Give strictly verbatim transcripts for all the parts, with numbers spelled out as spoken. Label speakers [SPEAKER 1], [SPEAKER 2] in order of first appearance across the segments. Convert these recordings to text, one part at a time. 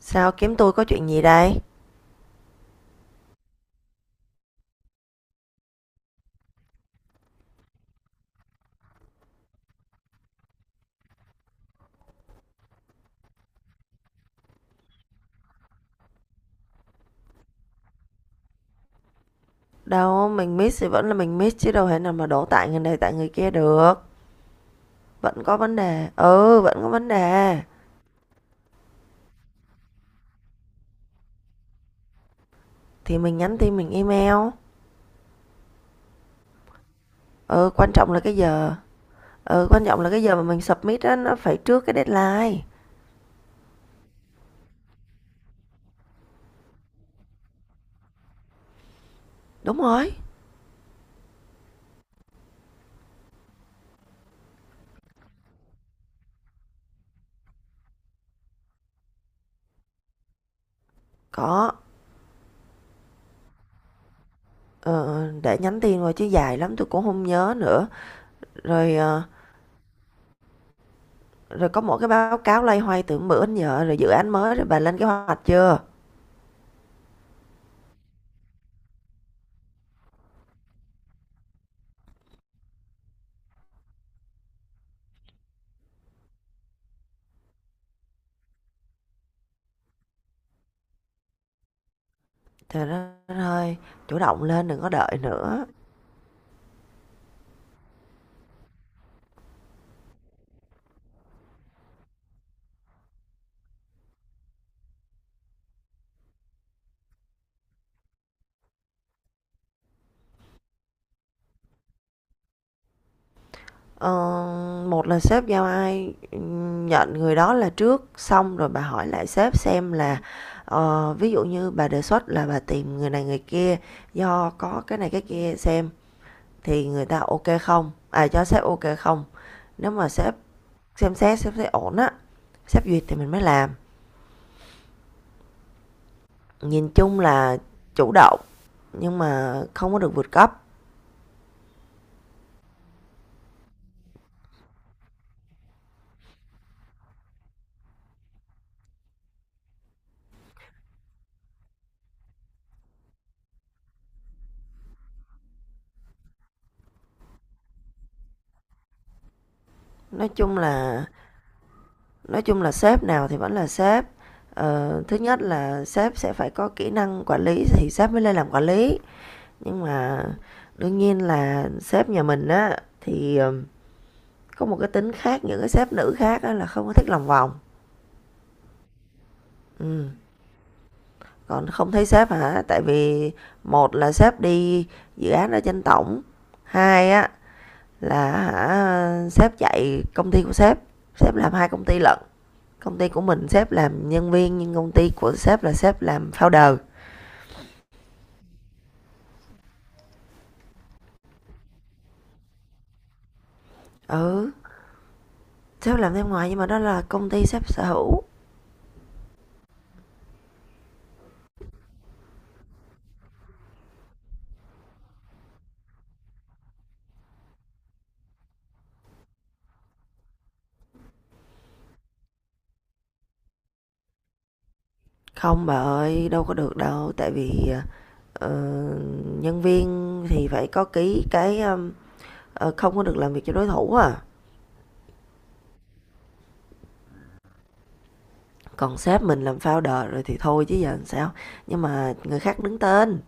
[SPEAKER 1] Sao kiếm tôi có chuyện gì đây? Đâu, mình miss thì vẫn là mình miss chứ đâu thể nào mà đổ tại người này tại người kia được. Vẫn có vấn đề. Ừ, vẫn có vấn đề. Thì mình nhắn tin mình email. Ừ, quan trọng là cái giờ. Ừ, quan trọng là cái giờ mà mình submit á, nó phải trước cái deadline. Đúng rồi. Có. Ờ, để nhắn tin rồi chứ dài lắm tôi cũng không nhớ nữa. Rồi, ờ, rồi có một cái báo cáo lay hoay từ bữa đến giờ rồi dự án mới rồi bà lên cái hoạch chưa? Trời đất ơi, chủ động lên đừng có đợi nữa. Ờ, Một là sếp giao ai, nhận người đó là trước, xong rồi bà hỏi lại sếp xem là, ờ, ví dụ như bà đề xuất là bà tìm người này người kia do có cái này cái kia xem thì người ta ok không, à, cho sếp ok không. Nếu mà sếp xem xét, sếp thấy ổn á, sếp duyệt thì mình mới làm. Nhìn chung là chủ động nhưng mà không có được vượt cấp. Nói chung là Nói chung là sếp nào thì vẫn là sếp. Ờ, thứ nhất là sếp sẽ phải có kỹ năng quản lý thì sếp mới lên làm quản lý. Nhưng mà đương nhiên là sếp nhà mình á thì ờ, có một cái tính khác những cái sếp nữ khác á là không có thích lòng vòng. Ừ. Còn không thấy sếp hả? Tại vì một là sếp đi dự án ở trên tổng, hai á là hả sếp chạy công ty của sếp, sếp làm hai công ty lận. Công ty của mình sếp làm nhân viên nhưng công ty của sếp là sếp làm founder. Ừ, sếp làm thêm ngoài nhưng mà đó là công ty sếp sở hữu. Không bà ơi, đâu có được đâu, tại vì ờ, nhân viên thì phải có ký cái um, ờ, không có được làm việc cho đối thủ à. Còn sếp mình làm founder rồi thì thôi chứ giờ làm sao. Nhưng mà người khác đứng tên.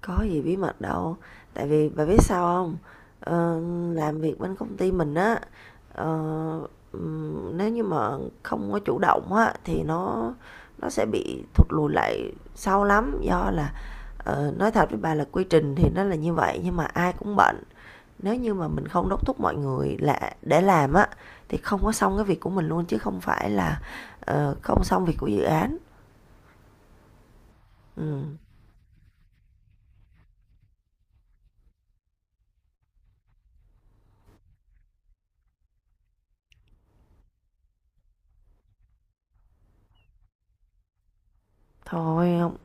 [SPEAKER 1] Có gì bí mật đâu, tại vì bà biết sao không? Ờ, làm việc bên công ty mình á, ờ, ừm, nếu như mà không có chủ động á, thì nó nó sẽ bị thụt lùi lại sau lắm. Do là, ờ, nói thật với bà là quy trình thì nó là như vậy nhưng mà ai cũng bận, nếu như mà mình không đốc thúc mọi người là để làm á, thì không có xong cái việc của mình luôn chứ không phải là, ờ, không xong việc của dự án. Ừm, thôi hông.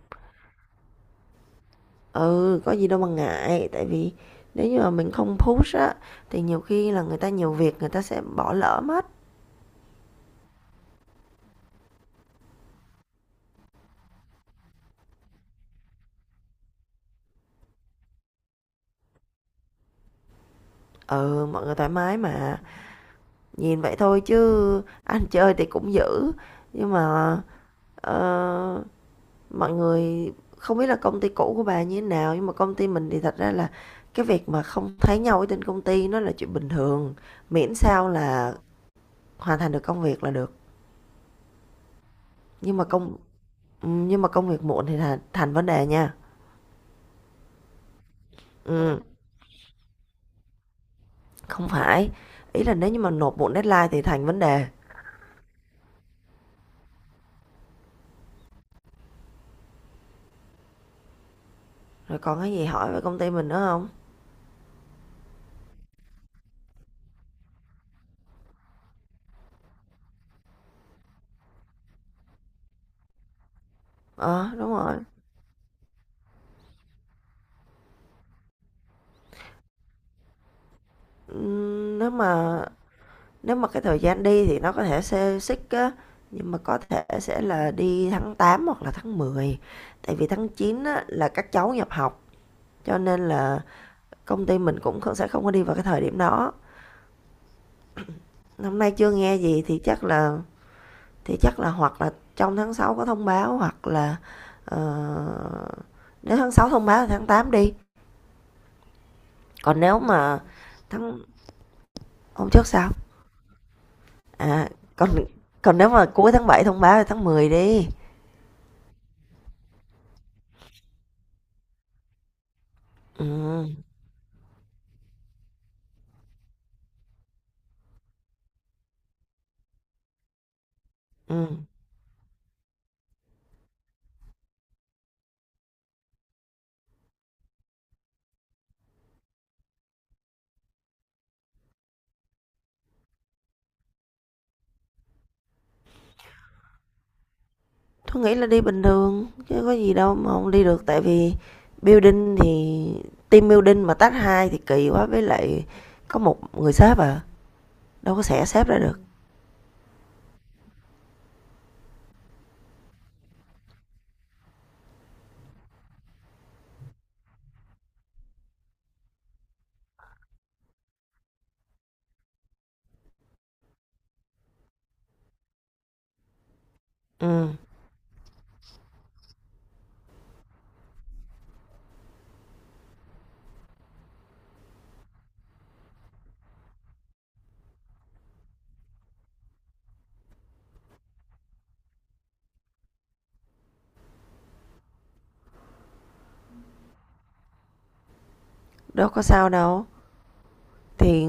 [SPEAKER 1] Ừ, có gì đâu mà ngại, tại vì nếu như mà mình không push á thì nhiều khi là người ta nhiều việc người ta sẽ bỏ lỡ mất. Ừ, mọi người thoải mái mà. Nhìn vậy thôi chứ ăn chơi thì cũng dữ, nhưng mà ờ, mọi người không biết là công ty cũ của bà như thế nào nhưng mà công ty mình thì thật ra là cái việc mà không thấy nhau ở trên công ty nó là chuyện bình thường, miễn sao là hoàn thành được công việc là được. Nhưng mà công ừ, nhưng mà công việc muộn thì là thành vấn đề nha. Ừ. Không phải, ý là nếu như mà nộp muộn deadline thì thành vấn đề. Rồi còn cái gì hỏi về công ty mình nữa không? Ờ, à, đúng rồi. nếu mà nếu mà cái thời gian đi thì nó có thể xê xích á, nhưng mà có thể sẽ là đi tháng tám hoặc là tháng mười. Tại vì tháng chín á là các cháu nhập học, cho nên là công ty mình cũng sẽ không có đi vào cái thời điểm đó. Năm nay chưa nghe gì thì chắc là thì chắc là hoặc là trong tháng sáu có thông báo hoặc là, ờ, nếu tháng sáu thông báo thì tháng tám đi. Còn nếu mà tháng Hôm trước sao? À, còn còn nếu mà cuối tháng bảy thông báo thì tháng mười đi. Ừ. Ừ. Tôi nghĩ là đi bình thường chứ có gì đâu mà không đi được, tại vì building thì team building mà tách hai thì kỳ quá, với lại có một người sếp à, đâu có xẻ sếp ra được. Ừ, đâu có sao đâu, thì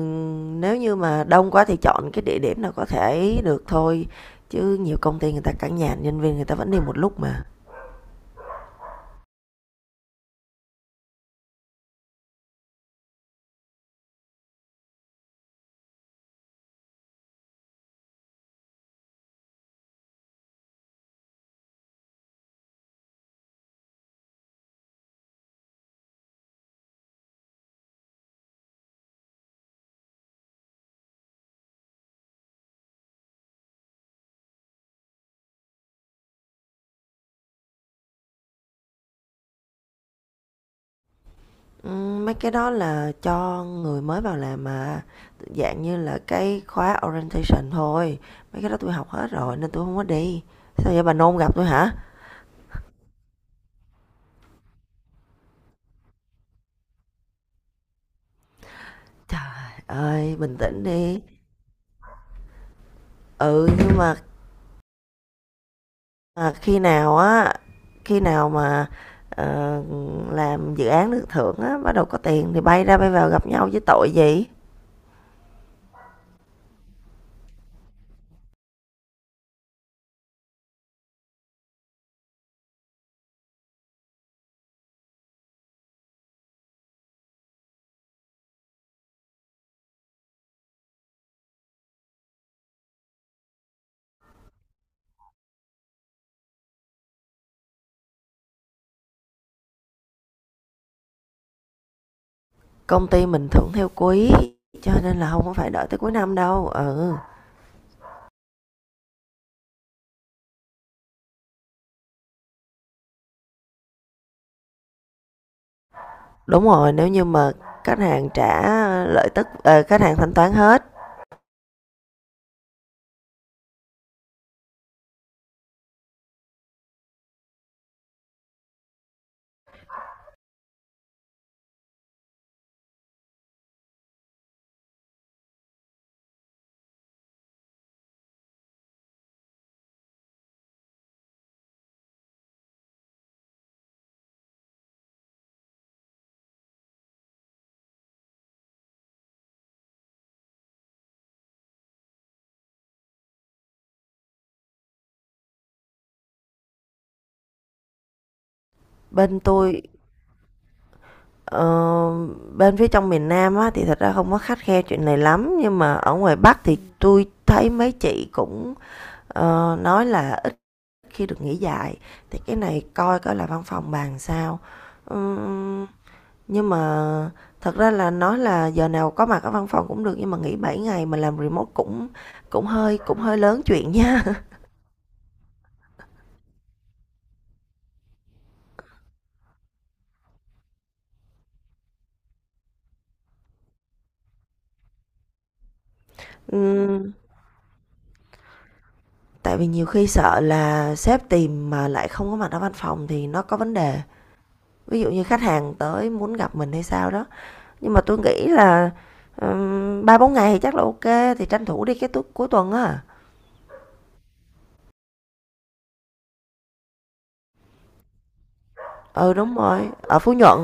[SPEAKER 1] nếu như mà đông quá thì chọn cái địa điểm nào có thể được thôi, chứ nhiều công ty người ta cản nhà nhân viên người ta vẫn đi một lúc mà. Ừm, mấy cái đó là cho người mới vào làm mà, dạng như là cái khóa orientation thôi, mấy cái đó tôi học hết rồi nên tôi không có đi. Sao vậy bà nôn gặp tôi hả? Trời ơi, bình tĩnh đi. Ừ, nhưng mà à, khi nào á, khi nào mà ờ, làm dự án được thưởng á, bắt đầu có tiền thì bay ra bay vào gặp nhau chứ tội gì. Công ty mình thưởng theo quý, cho nên là không có phải đợi tới cuối năm đâu. Ừ. Đúng rồi, nếu như mà khách hàng trả lợi tức ờ, khách hàng thanh toán hết. Bên tôi ờ, bên phía trong miền Nam á thì thật ra không có khắt khe chuyện này lắm, nhưng mà ở ngoài Bắc thì tôi thấy mấy chị cũng ờ, nói là ít khi được nghỉ dài. Thì cái này coi coi là văn phòng bàn sao. Ừm, nhưng mà thật ra là nói là giờ nào có mặt ở văn phòng cũng được nhưng mà nghỉ bảy ngày mà làm remote cũng cũng hơi cũng hơi lớn chuyện nha. Ừm, tại vì nhiều khi sợ là sếp tìm mà lại không có mặt ở văn phòng thì nó có vấn đề. Ví dụ như khách hàng tới muốn gặp mình hay sao đó. Nhưng mà tôi nghĩ là ba 3-4 ngày thì chắc là ok, thì tranh thủ đi cái tu- cuối tuần á. Ừ đúng rồi, ở Phú Nhuận.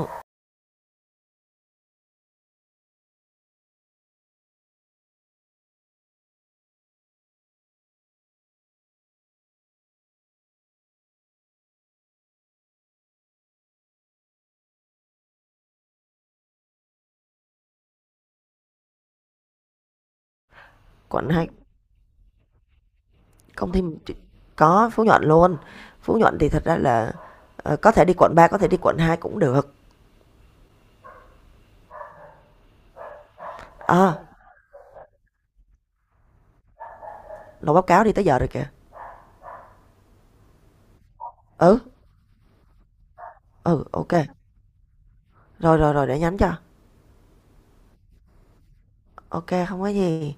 [SPEAKER 1] Quận hai công ty mình có Phú Nhuận luôn. Phú Nhuận thì thật ra là ờ, có thể đi quận ba có thể đi quận hai cũng được. Ờ, Nộp báo cáo đi tới giờ rồi kìa. Ừ, ừ, ok. Rồi rồi rồi để nhắn cho. Ok, không có gì.